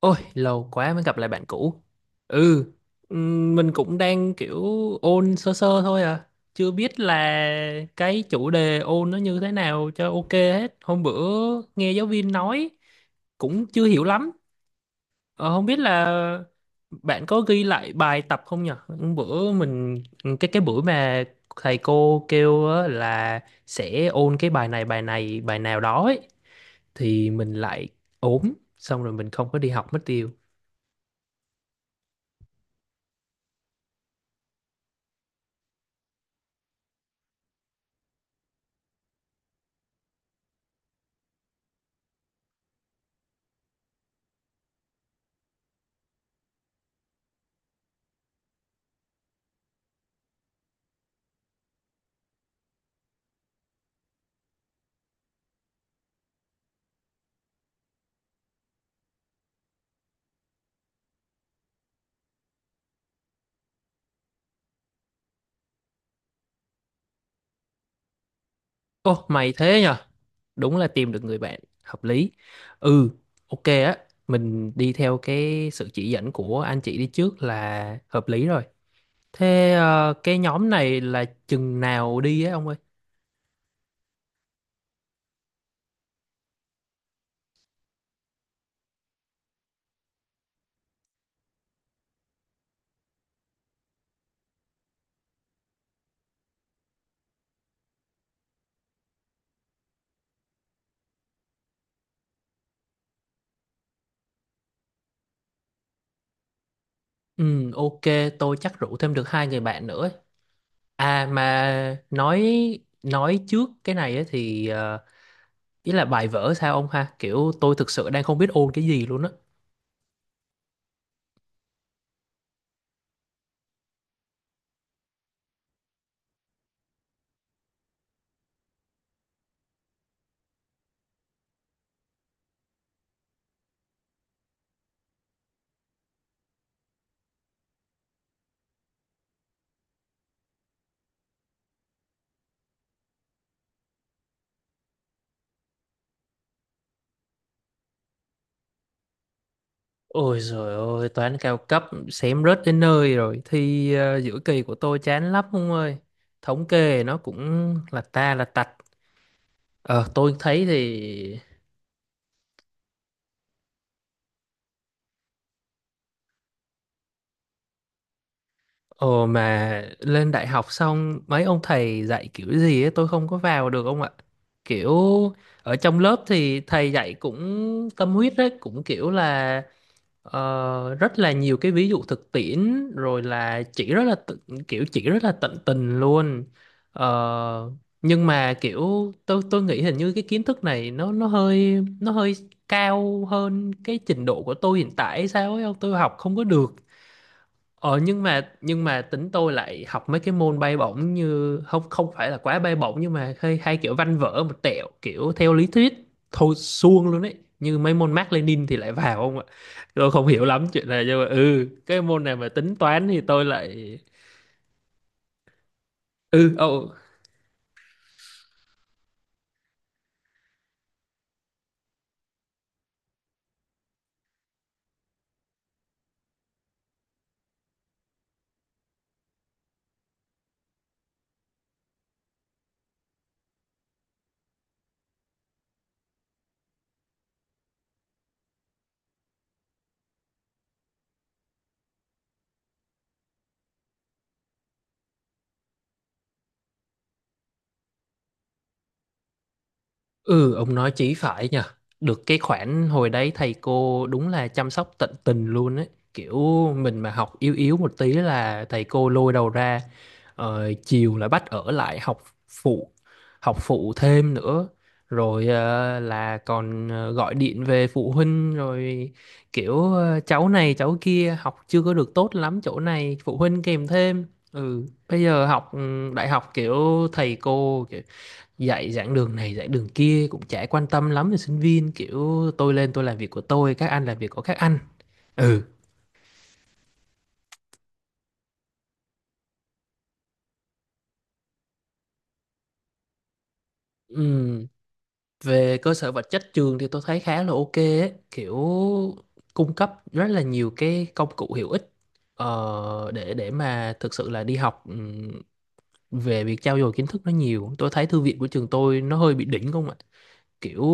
Ôi, lâu quá mới gặp lại bạn cũ. Ừ, mình cũng đang kiểu ôn sơ sơ thôi à. Chưa biết là cái chủ đề ôn nó như thế nào cho ok hết. Hôm bữa nghe giáo viên nói cũng chưa hiểu lắm. Ờ, Không biết là bạn có ghi lại bài tập không nhỉ? Hôm bữa mình cái buổi mà thầy cô kêu á là sẽ ôn cái bài này bài này bài nào đó ấy, thì mình lại ốm xong rồi mình không có đi học mất tiêu. Ô, mày thế nhờ? Đúng là tìm được người bạn hợp lý. Ừ, ok á, mình đi theo cái sự chỉ dẫn của anh chị đi trước là hợp lý rồi. Thế cái nhóm này là chừng nào đi á ông ơi? Ừ, ok, tôi chắc rủ thêm được hai người bạn nữa ấy. À mà nói trước cái này á thì ý là bài vở sao ông ha? Kiểu tôi thực sự đang không biết ôn cái gì luôn á. Ôi giời ơi, toán cao cấp xém rớt đến nơi rồi. Thi giữa kỳ của tôi chán lắm ông ơi. Thống kê nó cũng là tạch. Ờ, tôi thấy thì. Ồ mà lên đại học xong mấy ông thầy dạy kiểu gì ấy, tôi không có vào được ông ạ. Kiểu ở trong lớp thì thầy dạy cũng tâm huyết đấy, cũng kiểu là rất là nhiều cái ví dụ thực tiễn rồi là chỉ rất là kiểu chỉ rất là tận tình luôn. Ờ, nhưng mà kiểu tôi nghĩ hình như cái kiến thức này nó hơi cao hơn cái trình độ của tôi hiện tại hay sao ấy không tôi học không có được. Ờ nhưng mà tính tôi lại học mấy cái môn bay bổng như không không phải là quá bay bổng nhưng mà hay kiểu văn vở một tẹo kiểu theo lý thuyết thôi suông luôn ấy như mấy môn Mác Lênin thì lại vào không ạ. Tôi không hiểu lắm chuyện này nhưng mà cái môn này mà tính toán thì tôi lại ừ Ừ, ông nói chí phải nhờ. Được cái khoản hồi đấy thầy cô đúng là chăm sóc tận tình luôn ấy. Kiểu mình mà học yếu yếu một tí là thầy cô lôi đầu ra. Chiều là bắt ở lại phụ, học phụ thêm nữa. Rồi là còn gọi điện về phụ huynh rồi kiểu cháu này cháu kia học chưa có được tốt lắm chỗ này phụ huynh kèm thêm. Ừ, bây giờ học đại học kiểu thầy cô kiểu dạy giảng đường này giảng đường kia cũng chả quan tâm lắm về sinh viên kiểu tôi lên tôi làm việc của tôi các anh làm việc của các anh ừ Ừm, Về cơ sở vật chất trường thì tôi thấy khá là ok ấy. Kiểu cung cấp rất là nhiều cái công cụ hữu ích để mà thực sự là đi học. Về việc trau dồi kiến thức nó nhiều tôi thấy thư viện của trường tôi nó hơi bị đỉnh không ạ. Kiểu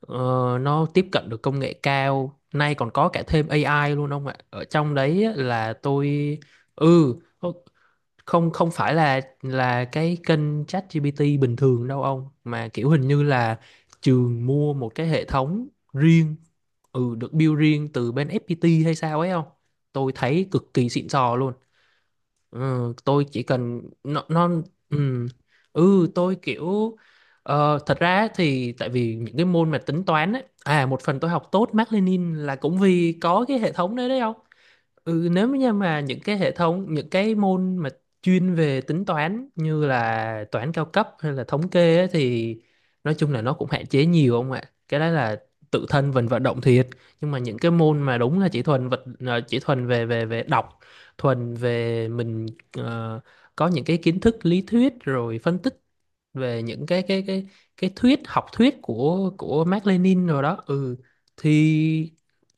ờ, nó tiếp cận được công nghệ cao nay còn có cả thêm AI luôn ông ạ ở trong đấy á, là tôi ừ không không phải là cái kênh ChatGPT bình thường đâu ông mà kiểu hình như là trường mua một cái hệ thống riêng, được build riêng từ bên FPT hay sao ấy không tôi thấy cực kỳ xịn sò luôn. Ừ, tôi chỉ cần nó ừ, tôi kiểu thật ra thì tại vì những cái môn mà tính toán ấy à một phần tôi học tốt Mác Lênin là cũng vì có cái hệ thống đấy đấy không. Ừ, nếu như mà những cái môn mà chuyên về tính toán như là toán cao cấp hay là thống kê ấy, thì nói chung là nó cũng hạn chế nhiều không ạ. Cái đó là tự thân mình vận động thiệt. Nhưng mà những cái môn mà đúng là chỉ chỉ thuần về về về đọc, thuần về mình, ờ, có những cái kiến thức lý thuyết rồi phân tích về những cái thuyết học thuyết của Mác Lênin rồi đó ừ thì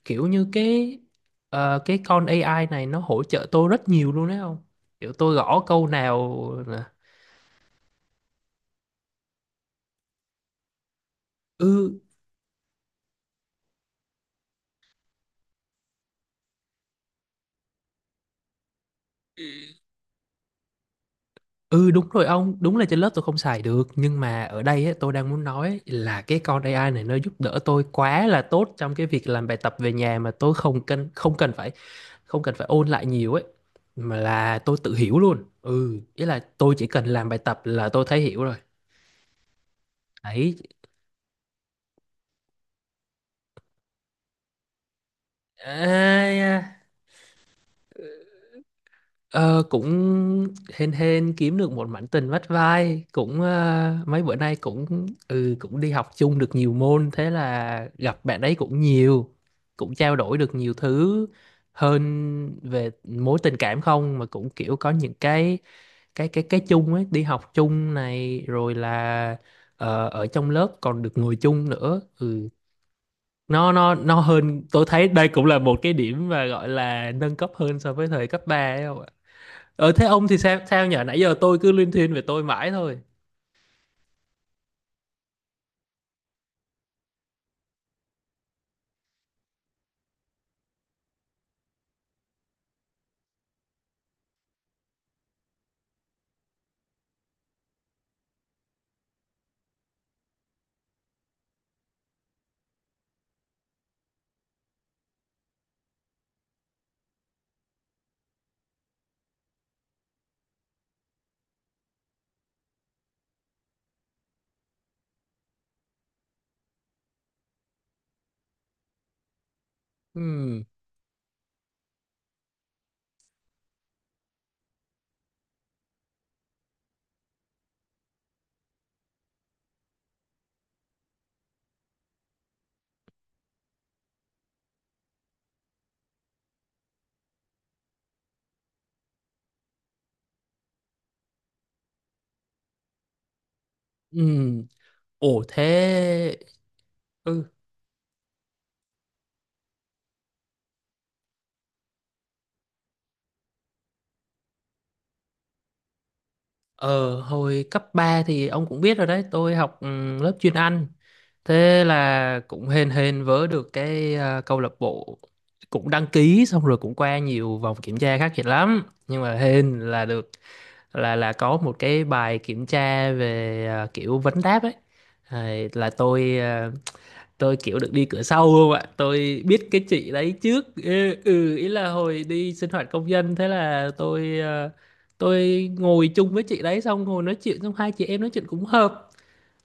kiểu như cái con AI này nó hỗ trợ tôi rất nhiều luôn đấy không, kiểu tôi gõ câu nào là ừ, ừ, đúng rồi ông. Đúng là trên lớp tôi không xài được nhưng mà ở đây ấy, tôi đang muốn nói là cái con AI này nó giúp đỡ tôi quá là tốt trong cái việc làm bài tập về nhà mà tôi không cần phải ôn lại nhiều ấy, mà là tôi tự hiểu luôn. Ừ Ý là tôi chỉ cần làm bài tập là tôi thấy hiểu rồi ấy. À, Ờ, cũng hên hên kiếm được một mảnh tình vắt vai cũng mấy bữa nay cũng cũng đi học chung được nhiều môn thế là gặp bạn ấy cũng nhiều, cũng trao đổi được nhiều thứ hơn về mối tình cảm không mà cũng kiểu có những cái chung ấy đi học chung này rồi là ở trong lớp còn được ngồi chung nữa ừ nó hơn tôi thấy đây cũng là một cái điểm mà gọi là nâng cấp hơn so với thời cấp 3. Thế ông thì sao sao nhở nãy giờ tôi cứ liên thuyên về tôi mãi thôi. Ừ. Ừ. Ồ thế. Ừ. Ờ Hồi cấp 3 thì ông cũng biết rồi đấy, tôi học lớp chuyên Anh. Thế là cũng hên hên vớ được cái câu lạc bộ cũng đăng ký xong rồi cũng qua nhiều vòng kiểm tra khắc nghiệt lắm. Nhưng mà hên là được là có một cái bài kiểm tra về kiểu vấn đáp ấy. À, là tôi à, tôi kiểu được đi cửa sau không ạ, tôi biết cái chị đấy trước, ý là hồi đi sinh hoạt công dân thế là tôi ngồi chung với chị đấy xong ngồi nói chuyện xong hai chị em nói chuyện cũng hợp,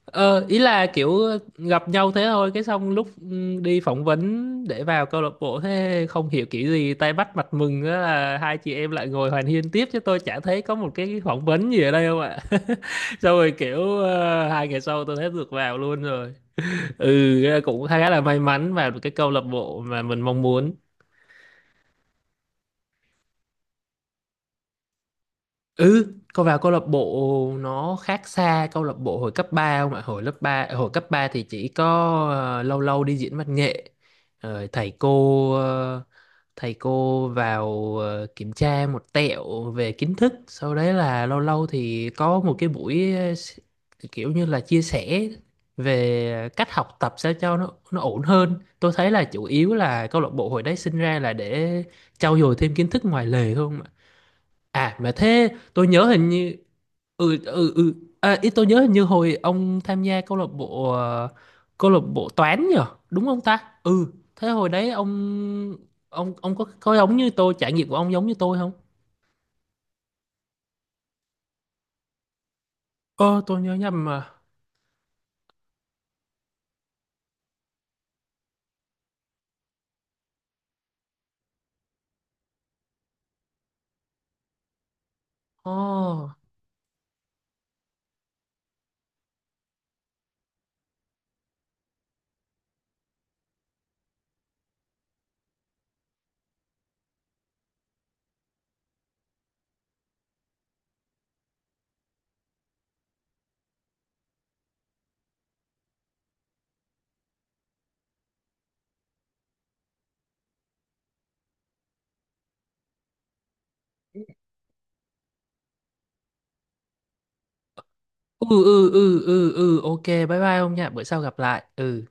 ý là kiểu gặp nhau thế thôi cái xong lúc đi phỏng vấn để vào câu lạc bộ thế không hiểu kiểu gì tay bắt mặt mừng á là hai chị em lại ngồi hoàn hiên tiếp chứ tôi chả thấy có một cái phỏng vấn gì ở đây không ạ. Xong rồi kiểu 2 ngày sau tôi thấy được vào luôn rồi. Cũng khá là may mắn vào cái câu lạc bộ mà mình mong muốn. Ừ, cô vào câu lạc bộ nó khác xa câu lạc bộ hồi cấp 3 không ạ? Hồi cấp 3 thì chỉ có lâu lâu đi diễn văn nghệ. Rồi thầy cô vào kiểm tra một tẹo về kiến thức, sau đấy là lâu lâu thì có một cái buổi kiểu như là chia sẻ về cách học tập sao cho nó ổn hơn. Tôi thấy là chủ yếu là câu lạc bộ hồi đấy sinh ra là để trau dồi thêm kiến thức ngoài lề thôi. À mà thế tôi nhớ hình như ừ ừ ừ à, ý tôi nhớ hình như hồi ông tham gia câu lạc bộ câu lạc bộ toán nhờ, đúng không ta? Ừ, thế hồi đấy ông có giống như tôi, trải nghiệm của ông giống như tôi không? Ờ tôi nhớ nhầm mà. Ồ. Ừ, ừ, ừ, ừ, ừ, ok bye bye ông nha, bữa sau gặp lại. Ừ.